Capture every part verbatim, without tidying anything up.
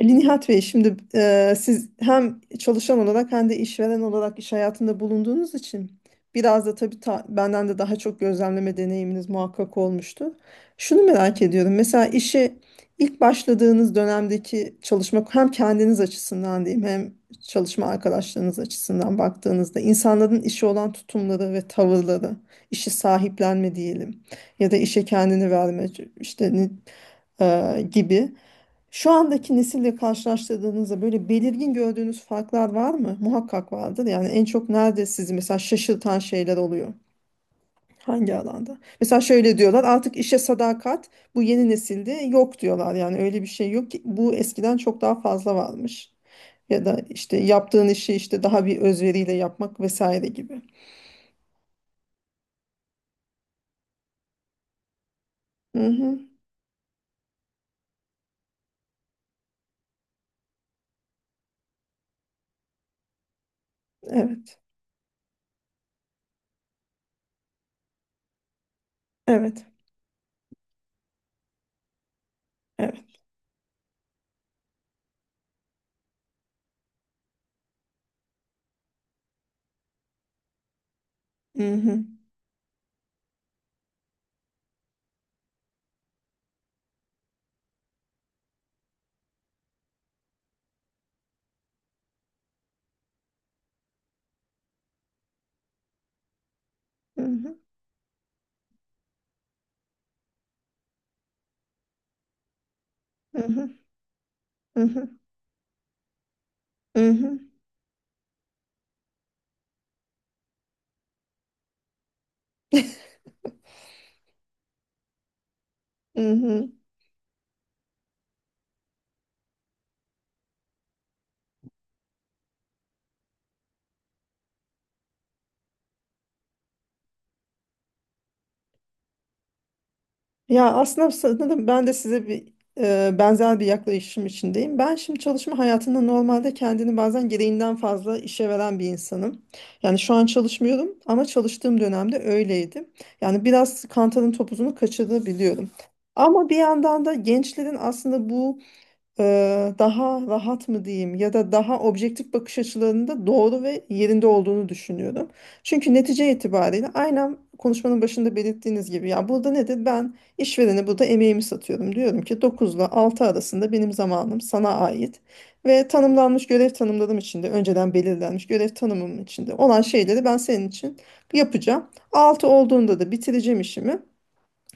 Ali Nihat Bey, şimdi e, siz hem çalışan olarak hem de işveren olarak iş hayatında bulunduğunuz için biraz da tabii ta- benden de daha çok gözlemleme deneyiminiz muhakkak olmuştu. Şunu merak ediyorum. Mesela işe ilk başladığınız dönemdeki çalışma hem kendiniz açısından diyeyim hem çalışma arkadaşlarınız açısından baktığınızda insanların işe olan tutumları ve tavırları, işi sahiplenme diyelim ya da işe kendini verme işte ne- e, gibi. Şu andaki nesille karşılaştırdığınızda böyle belirgin gördüğünüz farklar var mı? Muhakkak vardır. Yani en çok nerede sizi mesela şaşırtan şeyler oluyor? Hangi alanda? Mesela şöyle diyorlar, artık işe sadakat bu yeni nesilde yok diyorlar. Yani öyle bir şey yok ki, bu eskiden çok daha fazla varmış. Ya da işte yaptığın işi işte daha bir özveriyle yapmak vesaire gibi. Hı hı. Evet. Evet. Evet. Hı hı. Hı hı. Hı hı. Hı hı. Hı hı. Hı hı. Ya aslında sanırım ben de size bir e, benzer bir yaklaşım içindeyim. Ben şimdi çalışma hayatında normalde kendini bazen gereğinden fazla işe veren bir insanım. Yani şu an çalışmıyorum ama çalıştığım dönemde öyleydim. Yani biraz kantarın topuzunu kaçırabiliyorum. Ama bir yandan da gençlerin aslında bu eee, daha rahat mı diyeyim ya da daha objektif bakış açılarında doğru ve yerinde olduğunu düşünüyorum. Çünkü netice itibariyle aynen konuşmanın başında belirttiğiniz gibi, ya burada nedir? Ben işverene burada emeğimi satıyorum. Diyorum ki dokuz ile altı arasında benim zamanım sana ait ve tanımlanmış görev tanımlarım içinde, önceden belirlenmiş görev tanımım içinde olan şeyleri ben senin için yapacağım. altı olduğunda da bitireceğim işimi.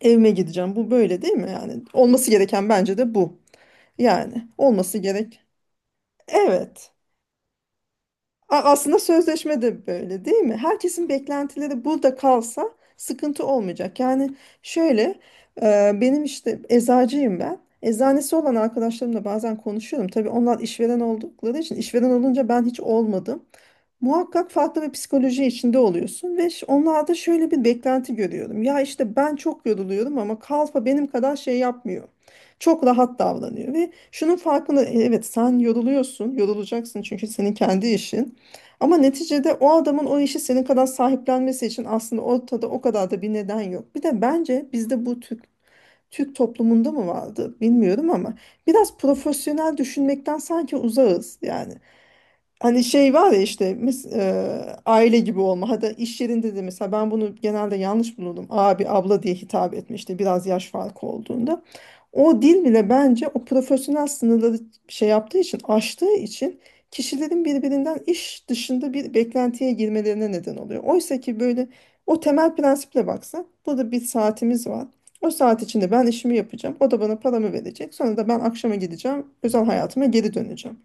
Evime gideceğim. Bu böyle değil mi? Yani olması gereken bence de bu. Yani olması gerek. Evet. A- Aslında sözleşme de böyle değil mi? Herkesin beklentileri burada kalsa sıkıntı olmayacak. Yani şöyle, e, benim işte, eczacıyım ben. Eczanesi olan arkadaşlarımla bazen konuşuyorum. Tabii onlar işveren oldukları için, işveren olunca ben hiç olmadım. Muhakkak farklı bir psikoloji içinde oluyorsun ve ş- onlarda şöyle bir beklenti görüyorum. Ya işte ben çok yoruluyorum ama kalfa benim kadar şey yapmıyor. Çok rahat davranıyor. Ve şunun farkında, evet sen yoruluyorsun, yorulacaksın çünkü senin kendi işin. Ama neticede o adamın o işi senin kadar sahiplenmesi için aslında ortada o kadar da bir neden yok. Bir de bence bizde bu Türk Türk toplumunda mı vardı bilmiyorum ama biraz profesyonel düşünmekten sanki uzağız yani. Hani şey var ya, işte mes- e, aile gibi olma. Hatta iş yerinde de mesela ben bunu genelde yanlış bulurdum. Abi, abla diye hitap etme işte, biraz yaş farkı olduğunda. O dil bile bence o profesyonel sınırları şey yaptığı için, aştığı için, kişilerin birbirinden iş dışında bir beklentiye girmelerine neden oluyor. Oysa ki böyle o temel prensiple baksa, burada bir saatimiz var. O saat içinde ben işimi yapacağım. O da bana paramı verecek. Sonra da ben akşama gideceğim. Özel hayatıma geri döneceğim.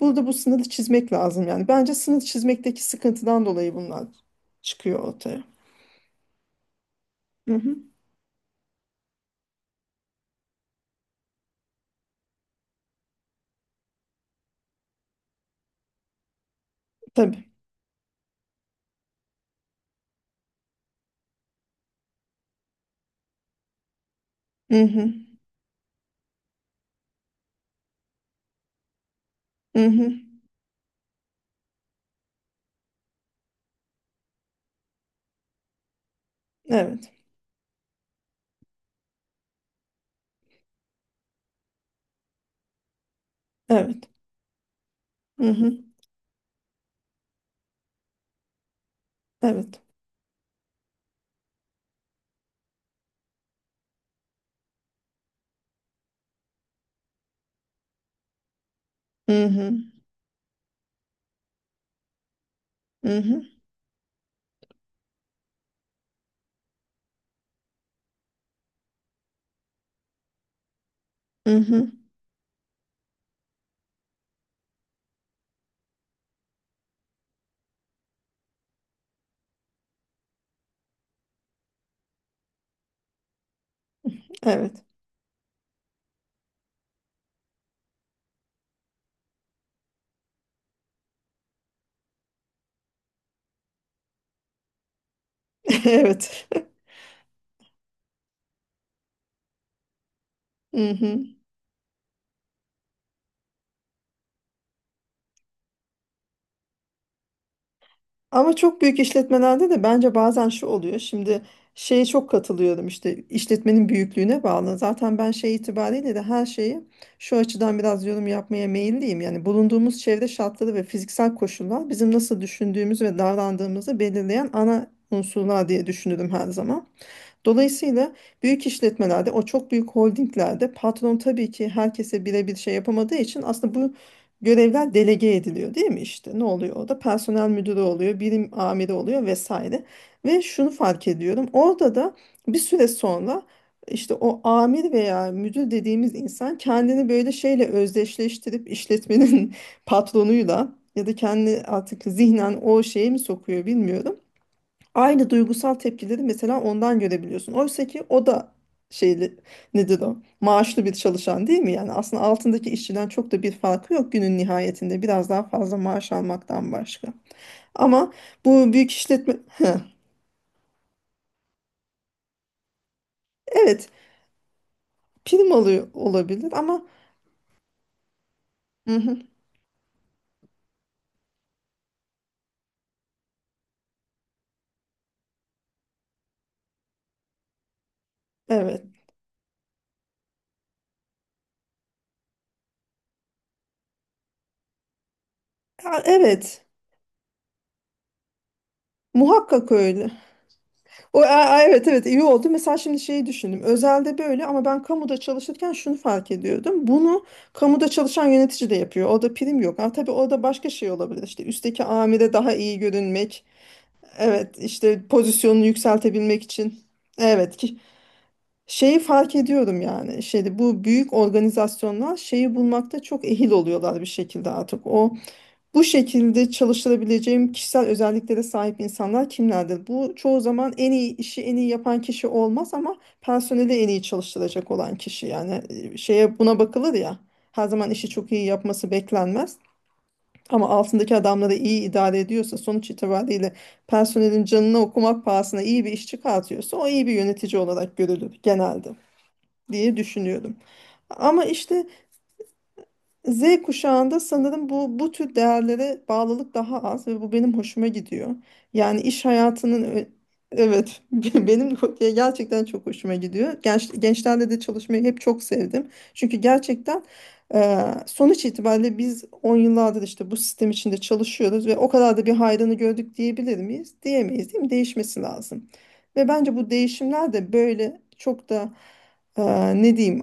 Burada bu sınırı çizmek lazım yani. Bence sınır çizmekteki sıkıntıdan dolayı bunlar çıkıyor ortaya. Hı hı. Tabii. Hı hı. Hı hı. Evet. Evet. Hı hı. Evet. Hı hı. Hı hı. Hı hı. Evet. Evet. Hı hı. Ama çok büyük işletmelerde de bence bazen şu oluyor. Şimdi şeye çok katılıyorum, işte işletmenin büyüklüğüne bağlı. Zaten ben şey itibariyle de her şeyi şu açıdan biraz yorum yapmaya meyilliyim. Yani bulunduğumuz çevre şartları ve fiziksel koşullar bizim nasıl düşündüğümüz ve davrandığımızı belirleyen ana unsurlar diye düşünürüm her zaman. Dolayısıyla büyük işletmelerde, o çok büyük holdinglerde patron tabii ki herkese birebir şey yapamadığı için aslında bu görevler delege ediliyor değil mi işte? Ne oluyor orada? Personel müdürü oluyor, birim amiri oluyor vesaire. Ve şunu fark ediyorum. Orada da bir süre sonra işte o amir veya müdür dediğimiz insan kendini böyle şeyle özdeşleştirip işletmenin patronuyla ya da kendi artık zihnen o şeye mi sokuyor bilmiyorum, aynı duygusal tepkileri mesela ondan görebiliyorsun. Oysa ki o da şeyli, nedir o? Maaşlı bir çalışan değil mi? Yani aslında altındaki işçiden çok da bir farkı yok günün nihayetinde. Biraz daha fazla maaş almaktan başka. Ama bu büyük işletme evet, prim alıyor olabilir ama. Hı hı. Evet. Ya, evet muhakkak öyle. O, a- a- evet evet, iyi oldu. Mesela şimdi şeyi düşündüm. Özelde böyle ama ben kamuda çalışırken şunu fark ediyordum. Bunu kamuda çalışan yönetici de yapıyor. Orada prim yok. Ama tabii orada başka şey olabilir. İşte üstteki amire daha iyi görünmek. Evet, işte pozisyonunu yükseltebilmek için. Evet, ki şeyi fark ediyorum yani. Şeyde, bu büyük organizasyonlar şeyi bulmakta çok ehil oluyorlar bir şekilde artık. O bu şekilde çalıştırabileceğim kişisel özelliklere sahip insanlar kimlerdir? Bu çoğu zaman en iyi işi en iyi yapan kişi olmaz ama personeli en iyi çalıştıracak olan kişi. Yani e, şeye, buna bakılır ya. Her zaman işi çok iyi yapması beklenmez. Ama altındaki adamları iyi idare ediyorsa, sonuç itibariyle personelin canını okumak pahasına iyi bir iş çıkartıyorsa o iyi bir yönetici olarak görülür genelde diye düşünüyorum. Ama işte Z kuşağında sanırım bu bu tür değerlere bağlılık daha az ve bu benim hoşuma gidiyor. Yani iş hayatının ö- evet, benim gerçekten çok hoşuma gidiyor. Genç, gençlerle de çalışmayı hep çok sevdim. Çünkü gerçekten e, sonuç itibariyle biz on yıllardır işte bu sistem içinde çalışıyoruz ve o kadar da bir hayrını gördük diyebilir miyiz? Diyemeyiz değil mi? Değişmesi lazım. Ve bence bu değişimler de böyle çok da e, ne diyeyim,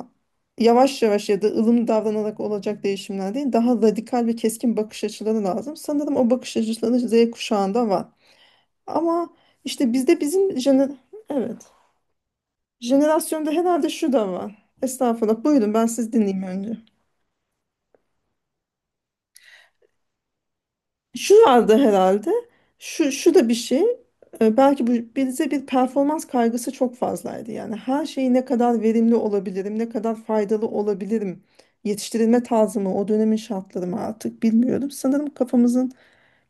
yavaş yavaş ya da ılımlı davranarak olacak değişimler değil, daha radikal ve keskin bakış açıları lazım. Sanırım o bakış açıları Z kuşağında var. Ama işte bizde bizim jener evet, jenerasyonda herhalde şu da var. Estağfurullah. Buyurun, ben siz dinleyeyim önce. Şu vardı herhalde. Şu, şu da bir şey. E, Belki bu, bize bir performans kaygısı çok fazlaydı. Yani her şeyi ne kadar verimli olabilirim, ne kadar faydalı olabilirim. Yetiştirilme tarzı mı, o dönemin şartları mı artık bilmiyorum. Sanırım kafamızın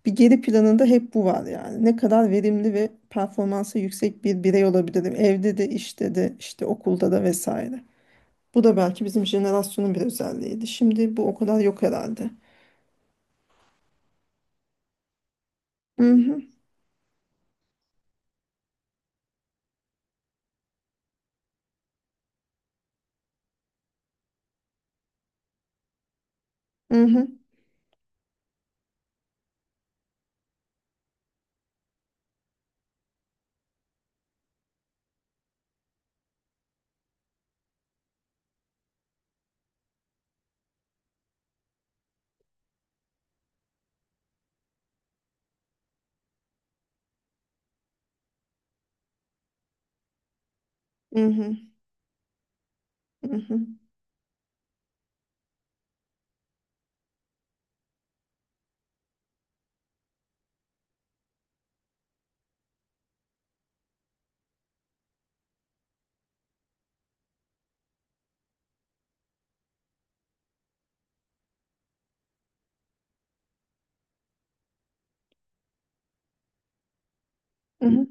bir geri planında hep bu var yani. Ne kadar verimli ve performansı yüksek bir birey olabilirim. Evde de, işte de, işte okulda da vesaire. Bu da belki bizim jenerasyonun bir özelliğiydi. Şimdi bu o kadar yok herhalde. Hı hı, hı hı, hı hı, hı hı. Hı hı,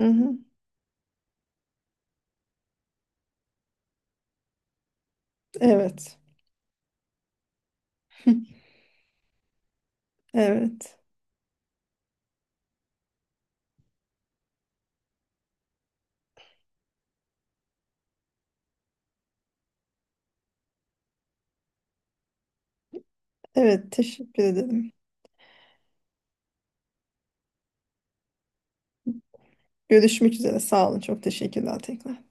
hı hı. Evet. Evet. Evet, teşekkür ederim. Görüşmek üzere. Sağ olun. Çok teşekkürler tekrar.